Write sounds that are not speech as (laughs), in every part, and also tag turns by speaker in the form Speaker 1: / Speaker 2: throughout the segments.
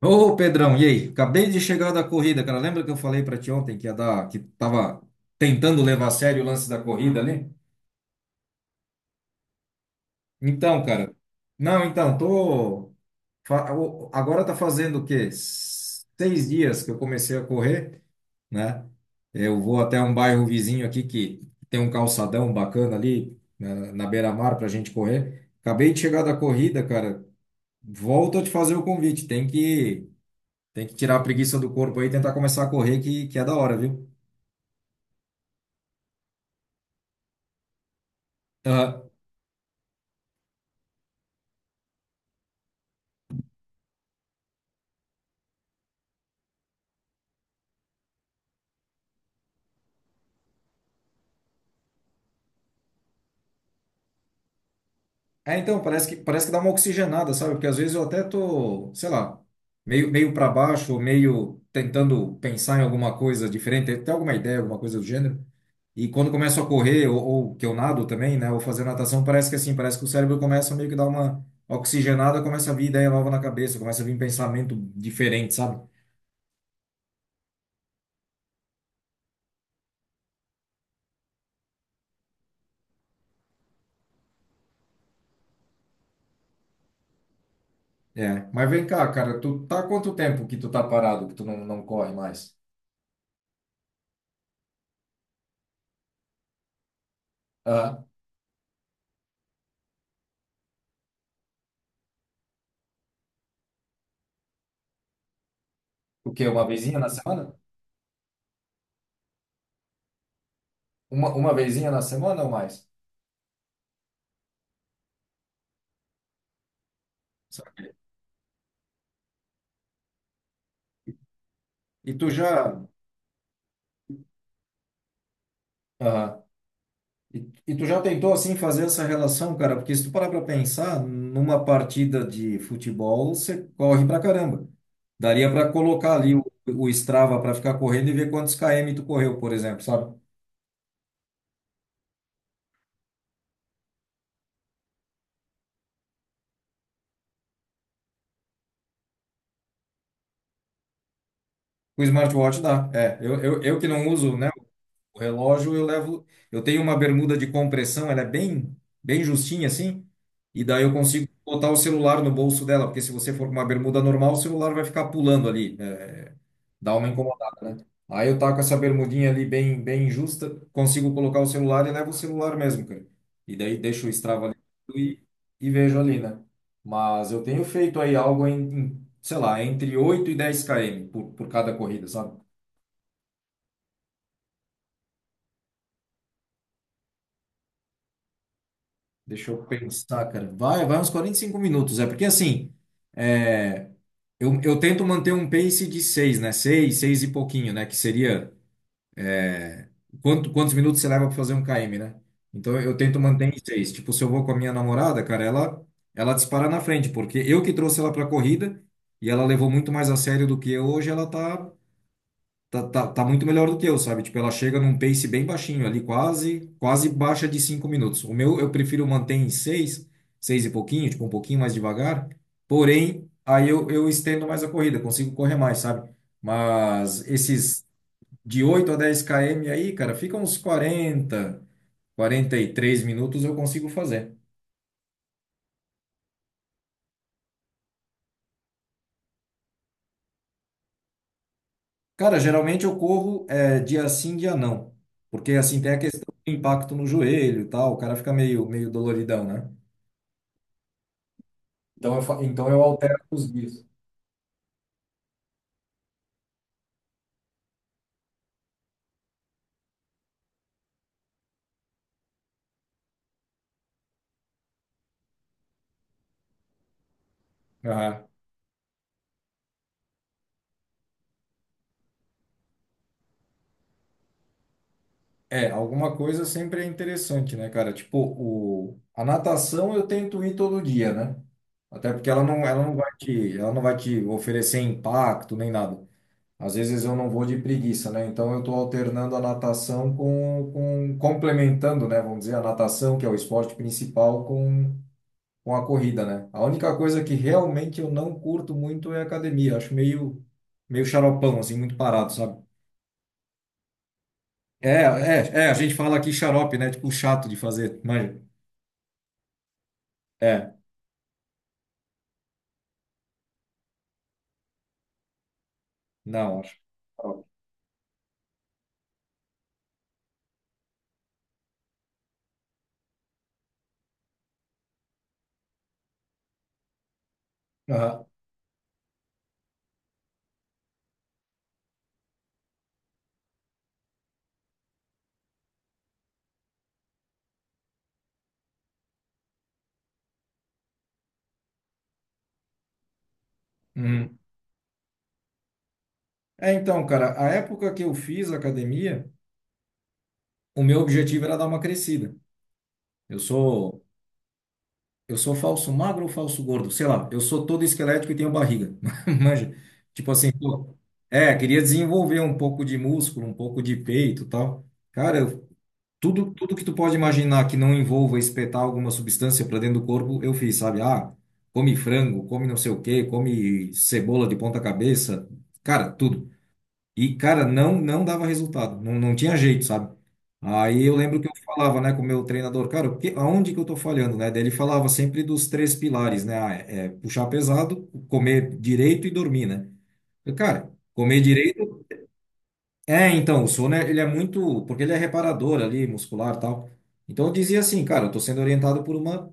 Speaker 1: Ô, Pedrão, e aí? Acabei de chegar da corrida, cara. Lembra que eu falei pra ti ontem que ia dar, que tava tentando levar a sério o lance da corrida ali? Então, cara. Não, então, agora tá fazendo o quê? 6 dias que eu comecei a correr, né? Eu vou até um bairro vizinho aqui que tem um calçadão bacana ali na beira-mar pra gente correr. Acabei de chegar da corrida, cara. Volto a te fazer o convite. Tem que tirar a preguiça do corpo aí e tentar começar a correr, que é da hora, viu? Aham. É, então, parece que dá uma oxigenada, sabe? Porque às vezes eu até tô, sei lá, meio para baixo, ou meio tentando pensar em alguma coisa diferente, até alguma ideia, alguma coisa do gênero. E quando começo a correr, ou que eu nado também, né? Ou fazer natação, parece que assim, parece que o cérebro começa a meio que dar uma oxigenada, começa a vir ideia nova na cabeça, começa a vir pensamento diferente, sabe? É. Mas vem cá, cara, tu tá há quanto tempo que tu tá parado, que tu não, não corre mais? O quê? Uma vezinha na semana? Uma vezinha na semana ou mais? Saquei. E tu já, aham. E tu já tentou assim fazer essa relação, cara? Porque se tu parar para pensar, numa partida de futebol, você corre pra caramba. Daria para colocar ali o Strava para ficar correndo e ver quantos km tu correu, por exemplo, sabe? O smartwatch dá. É, eu que não uso, né? O relógio eu levo. Eu tenho uma bermuda de compressão, ela é bem justinha assim, e daí eu consigo botar o celular no bolso dela, porque se você for com uma bermuda normal, o celular vai ficar pulando ali, dá uma incomodada, né? Aí eu taco essa bermudinha ali bem justa, consigo colocar o celular e levo o celular mesmo, cara. E daí deixo o Strava ali e vejo ali, né? Mas eu tenho feito aí algo em, sei lá, entre 8 e 10 km por cada corrida, sabe? Deixa eu pensar, cara. Vai uns 45 minutos. É porque assim, é, eu tento manter um pace de 6 né? Seis e pouquinho, né? Que seria é, quantos minutos você leva para fazer 1 km, né? Então eu tento manter em seis. Tipo, se eu vou com a minha namorada, cara, ela dispara na frente, porque eu que trouxe ela para corrida e ela levou muito mais a sério do que eu. Hoje ela tá muito melhor do que eu, sabe? Tipo, ela chega num pace bem baixinho ali, quase baixa de 5 minutos. O meu eu prefiro manter em seis e pouquinho, tipo, um pouquinho mais devagar. Porém, aí eu estendo mais a corrida, consigo correr mais, sabe? Mas esses de 8 a 10 km aí, cara, fica uns 43 minutos eu consigo fazer. Cara, geralmente eu corro é, dia sim, dia não. Porque assim tem a questão do impacto no joelho e tal, o cara fica meio doloridão, né? Então eu altero os dias. Aham. É, alguma coisa sempre é interessante, né, cara? Tipo, a natação eu tento ir todo dia, né? Até porque ela não vai te, ela não vai te oferecer impacto nem nada. Às vezes eu não vou de preguiça, né? Então eu tô alternando a natação com complementando, né? Vamos dizer, a natação, que é o esporte principal, com a corrida, né? A única coisa que realmente eu não curto muito é academia. Acho meio xaropão, assim, muito parado, sabe? É, a gente fala aqui xarope, né? Tipo, chato de fazer, mas é, na hora. Aham. Uhum. É, então, cara, a época que eu fiz academia, o meu objetivo era dar uma crescida. Eu sou, eu sou falso magro ou falso gordo, sei lá, eu sou todo esquelético e tenho barriga. (laughs) Manja, tipo assim, pô, é, queria desenvolver um pouco de músculo, um pouco de peito, e tal. Cara, tudo que tu pode imaginar que não envolva espetar alguma substância para dentro do corpo, eu fiz, sabe? Ah, come frango, come não sei o quê, come cebola de ponta cabeça, cara, tudo. E, cara, não não dava resultado, não, não tinha jeito, sabe? Aí eu lembro que eu falava, né, com o meu treinador, cara, aonde que eu tô falhando, né? Daí ele falava sempre dos três pilares, né? Ah, é puxar pesado, comer direito e dormir, né? Eu, cara, comer direito é, então, o sono, ele é muito, porque ele é reparador ali, muscular e tal. Então eu dizia assim, cara, eu tô sendo orientado por uma,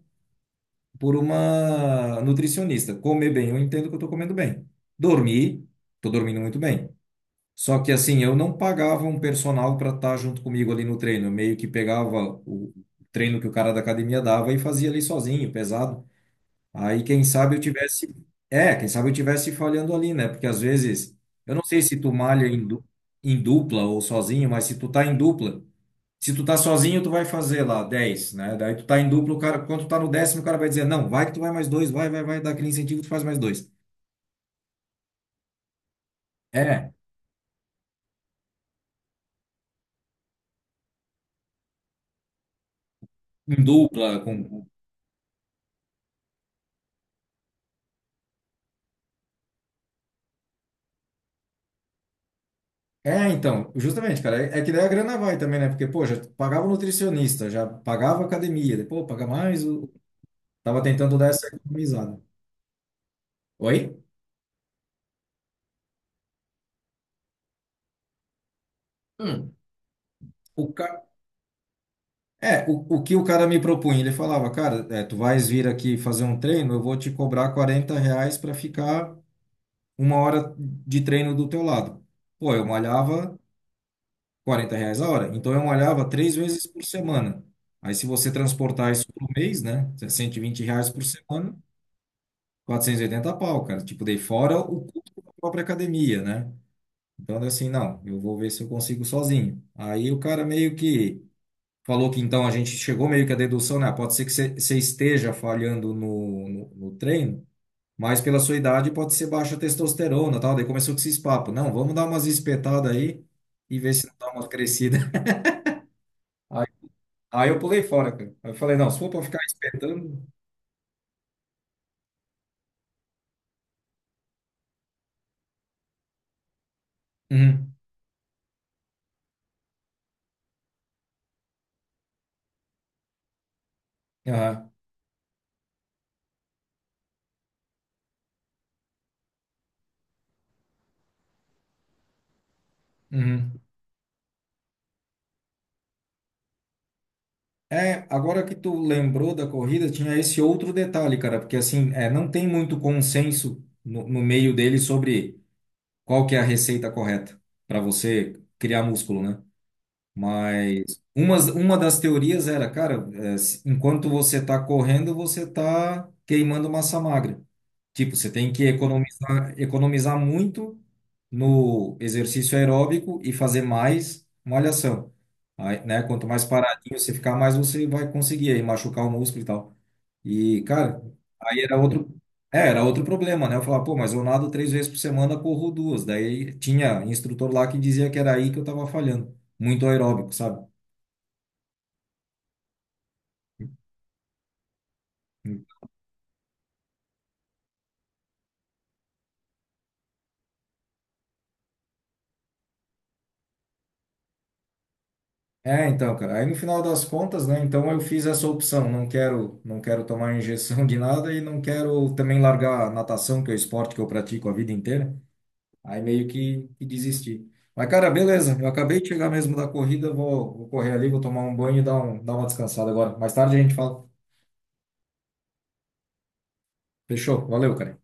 Speaker 1: por uma nutricionista. Comer bem, eu entendo que eu tô comendo bem. Dormir, tô dormindo muito bem. Só que assim, eu não pagava um personal para estar junto comigo ali no treino. Eu meio que pegava o treino que o cara da academia dava e fazia ali sozinho, pesado. Aí, quem sabe eu tivesse. É, quem sabe eu tivesse falhando ali, né? Porque às vezes, eu não sei se tu malha em dupla ou sozinho, mas se tu tá em dupla, se tu tá sozinho, tu vai fazer lá 10 né? Daí tu tá em dupla, o cara, quando tu tá no décimo, o cara vai dizer, não, vai que tu vai mais dois, vai, vai, vai, dá aquele incentivo, tu faz mais dois. É, em dupla, com. É, então, justamente, cara, é que daí a grana vai também, né? Porque, pô, já pagava o nutricionista, já pagava a academia, depois, pô, paga mais. Tava tentando dar essa economizada. Oi? Hum. O, ca... É, o que o cara me propunha, ele falava, cara, é, tu vais vir aqui fazer um treino, eu vou te cobrar R$ 40 para ficar 1 hora de treino do teu lado. Pô, eu malhava R$ 40 a hora, então eu malhava 3 vezes por semana. Aí se você transportar isso por mês, né, R$ 120 por semana, 480 pau, cara. Tipo, dei fora o custo da própria academia, né? Então, assim, não, eu vou ver se eu consigo sozinho. Aí o cara meio que falou que então a gente chegou meio que à dedução, né? Ah, pode ser que você esteja falhando no treino, mas pela sua idade pode ser baixa testosterona, tal. Daí começou com esses papos. Não, vamos dar umas espetadas aí e ver se não dá uma crescida. (laughs) Aí, aí, eu pulei fora, cara. Aí eu falei, não, se for pra ficar espetando. Uhum, aham, uhum. É, agora que tu lembrou da corrida, tinha esse outro detalhe, cara, porque assim, é, não tem muito consenso no meio dele sobre qual que é a receita correta para você criar músculo, né? Mas uma das teorias era, cara, enquanto você está correndo, você está queimando massa magra. Tipo, você tem que economizar, economizar muito no exercício aeróbico e fazer mais malhação. Aí, né? Quanto mais paradinho você ficar, mais você vai conseguir aí machucar o músculo e tal. E, cara, aí era outro problema, né? Eu falava, pô, mas eu nado 3 vezes por semana, corro duas. Daí tinha instrutor lá que dizia que era aí que eu tava falhando. Muito aeróbico, sabe? É, então, cara, aí no final das contas, né? Então eu fiz essa opção. Não quero, não quero tomar (laughs) injeção de nada e não quero também largar a natação, que é o esporte que eu pratico a vida inteira. Aí meio que desisti. Mas, cara, beleza. Eu acabei de chegar mesmo da corrida, vou correr ali, vou tomar um banho e dar uma descansada agora. Mais tarde a gente fala. Fechou. Valeu, cara.